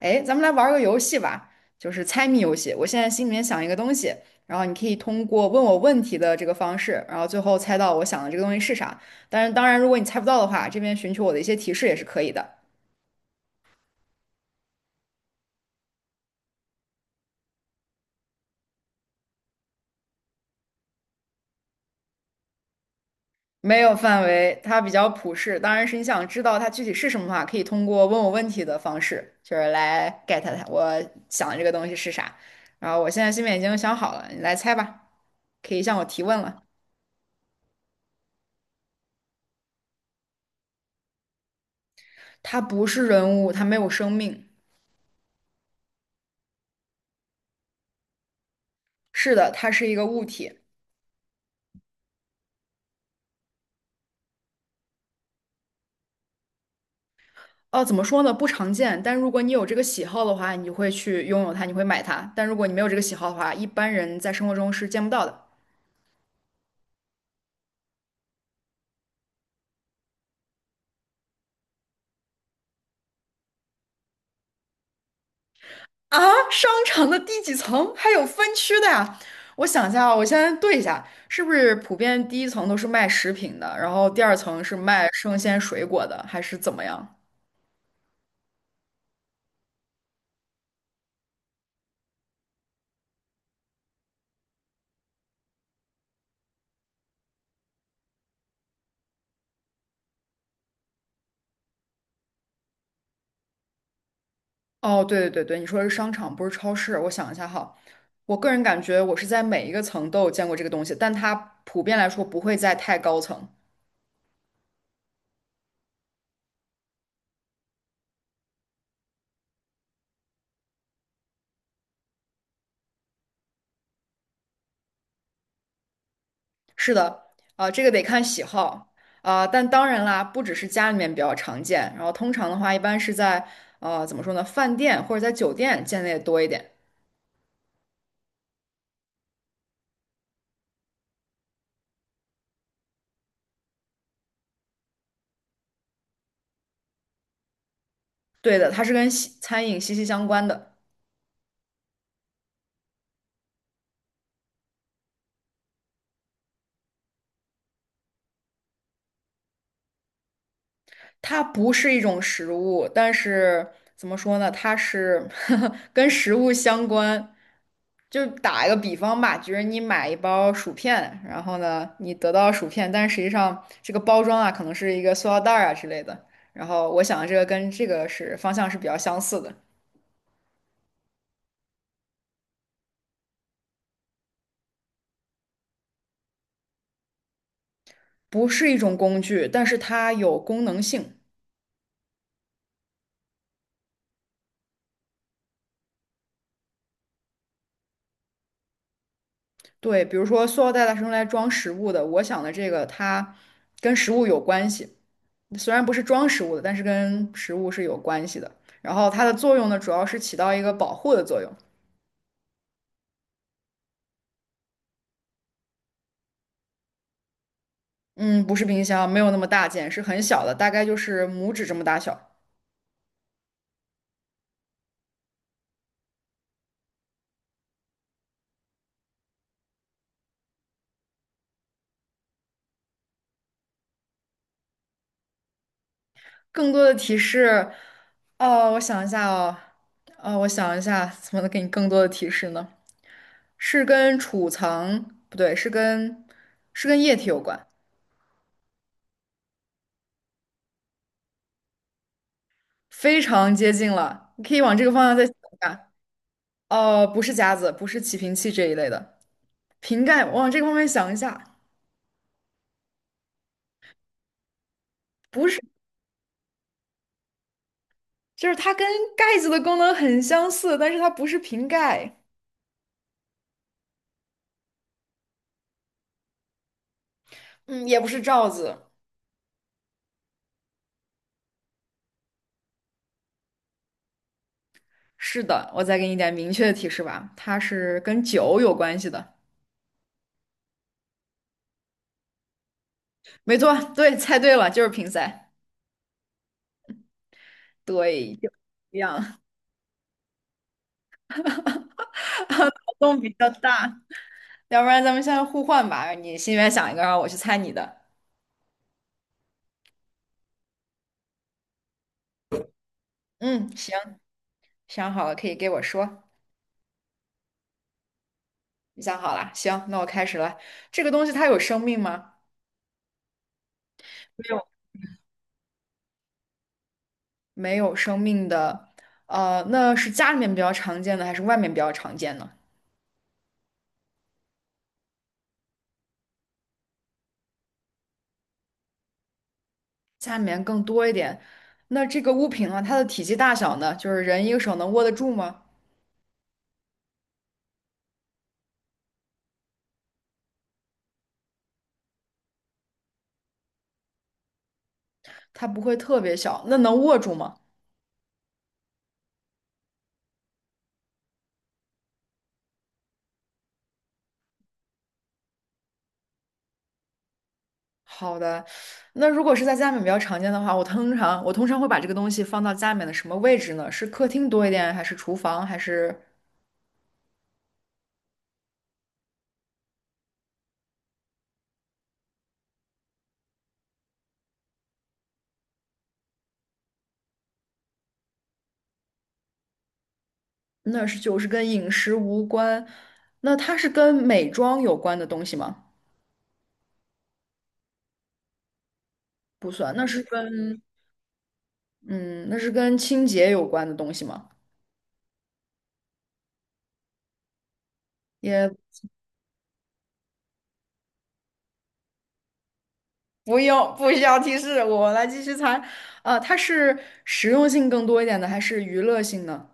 哎，咱们来玩儿个游戏吧，就是猜谜游戏。我现在心里面想一个东西，然后你可以通过问我问题的这个方式，然后最后猜到我想的这个东西是啥。但是当然，如果你猜不到的话，这边寻求我的一些提示也是可以的。没有范围，它比较普适。当然是你想知道它具体是什么的话，可以通过问我问题的方式，就是来 get 它我想的这个东西是啥。然后我现在心里面已经想好了，你来猜吧，可以向我提问了。它不是人物，它没有生命。是的，它是一个物体。哦，怎么说呢？不常见，但如果你有这个喜好的话，你会去拥有它，你会买它。但如果你没有这个喜好的话，一般人在生活中是见不到的。啊，商场的第几层还有分区的呀？我想一下啊，我先对一下，是不是普遍第一层都是卖食品的，然后第二层是卖生鲜水果的，还是怎么样？哦，对对对对，你说的是商场，不是超市。我想一下哈，我个人感觉我是在每一个层都有见过这个东西，但它普遍来说不会在太高层。是的，啊、这个得看喜好啊、但当然啦，不只是家里面比较常见，然后通常的话，一般是在怎么说呢，饭店或者在酒店见的也多一点。对的，它是跟西餐饮息息相关的，它不是一种食物，但是怎么说呢，它是 跟食物相关，就打一个比方吧，就是你买一包薯片，然后呢，你得到薯片，但是实际上这个包装啊，可能是一个塑料袋儿啊之类的。然后我想的这个跟这个是方向是比较相似的，不是一种工具，但是它有功能性。对，比如说塑料袋它是用来装食物的，我想的这个它跟食物有关系，虽然不是装食物的，但是跟食物是有关系的。然后它的作用呢，主要是起到一个保护的作用。嗯，不是冰箱，没有那么大件，是很小的，大概就是拇指这么大小。更多的提示，哦，我想一下哦，哦，我想一下，怎么能给你更多的提示呢？是跟储藏，不对，是跟是跟液体有关，非常接近了。你可以往这个方向再想一下。哦，不是夹子，不是起瓶器这一类的，瓶盖，往这个方面想一下，不是，就是它跟盖子的功能很相似，但是它不是瓶盖，嗯，也不是罩子。是的，我再给你一点明确的提示吧，它是跟酒有关系的。没错，对，猜对了，就是瓶塞。对，就一样，活动比较大 要不然咱们现在互换吧，你心里面想一个，让我去猜你的。嗯，行，想好了可以给我说。你想好了，行，那我开始了。这个东西它有生命吗？没有，没有生命的。那是家里面比较常见的，还是外面比较常见呢？家里面更多一点。那这个物品呢，它的体积大小呢，就是人一个手能握得住吗？它不会特别小，那能握住吗？好的，那如果是在家里面比较常见的话，我通常会把这个东西放到家里面的什么位置呢？是客厅多一点，还是厨房，还是那是就是跟饮食无关？那它是跟美妆有关的东西吗？不算，那是跟嗯，那是跟清洁有关的东西吗？也。不用，不需要提示，我来继续猜。它是实用性更多一点的，还是娱乐性呢？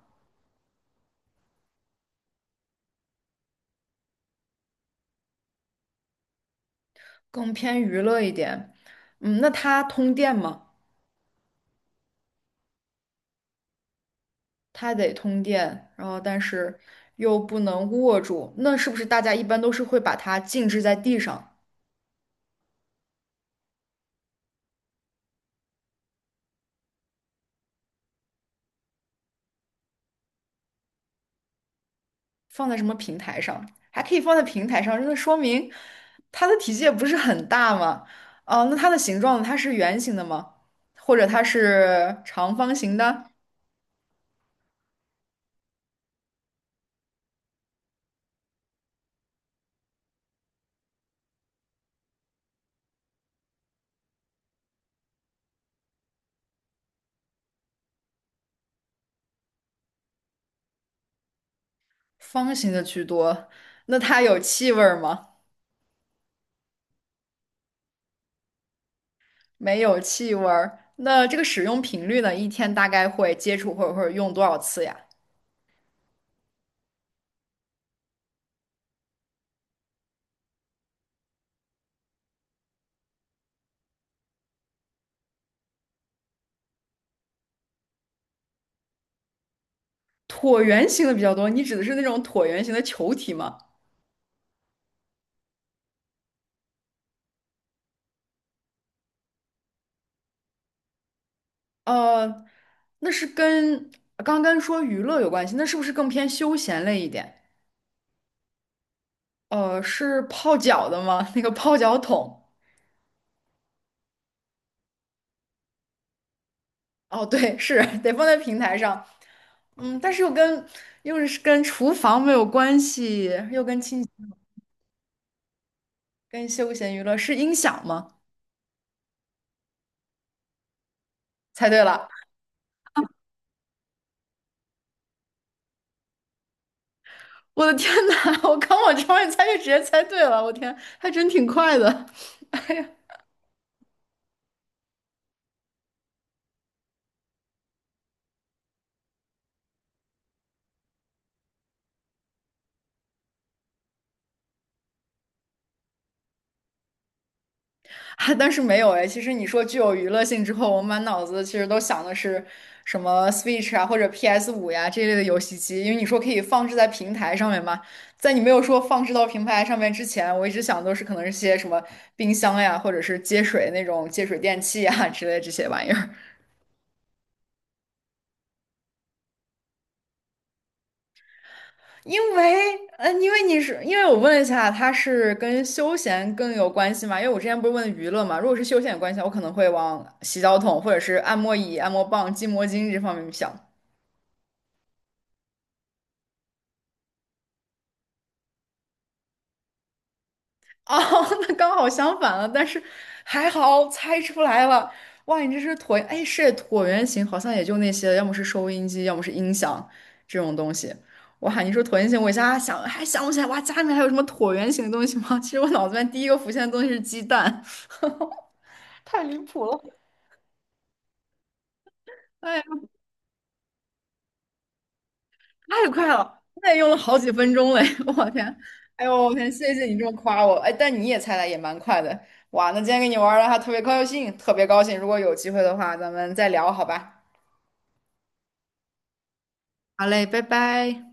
更偏娱乐一点。嗯，那它通电吗？它得通电，然后但是又不能握住，那是不是大家一般都是会把它静置在地上，放在什么平台上？还可以放在平台上，那说明它的体积也不是很大嘛。哦、那它的形状呢它是圆形的吗？或者它是长方形的？方形的居多，那它有气味儿吗？没有气味儿。那这个使用频率呢？一天大概会接触或者用多少次呀？椭圆形的比较多，你指的是那种椭圆形的球体吗？呃，那是跟刚刚说娱乐有关系，那是不是更偏休闲类一点？是泡脚的吗？那个泡脚桶？哦，对，是得放在平台上。嗯，但是又跟又是跟厨房没有关系，又跟清。跟休闲娱乐是音响吗？猜对了！我的天呐，我刚往这方面猜就直接猜对了，我天，还真挺快的。哎呀，啊但是没有哎。其实你说具有娱乐性之后，我满脑子其实都想的是什么 Switch 啊，或者 PS5呀这类的游戏机，因为你说可以放置在平台上面嘛。在你没有说放置到平台上面之前，我一直想都是可能是些什么冰箱呀，或者是接水电器呀之类这些玩意儿。因为，嗯，因为我问了一下，它是跟休闲更有关系嘛？因为我之前不是问娱乐嘛，如果是休闲有关系的话，我可能会往洗脚桶或者是按摩椅、按摩棒、筋膜巾这方面想。哦，那刚好相反了，但是还好猜出来了。哇，你这是椭，哎，是椭圆形，好像也就那些，要么是收音机，要么是音响这种东西。哇，你说椭圆形，我一下想还想不起来，哇，家里面还有什么椭圆形的东西吗？其实我脑子里面第一个浮现的东西是鸡蛋。太离谱了。哎呀，太快了，那也用了好几分钟嘞！我天，哎呦，我天，谢谢你这么夸我，哎，但你也猜的也蛮快的，哇，那今天跟你玩儿的还特别高兴，特别高兴，如果有机会的话，咱们再聊，好吧？好嘞，拜拜。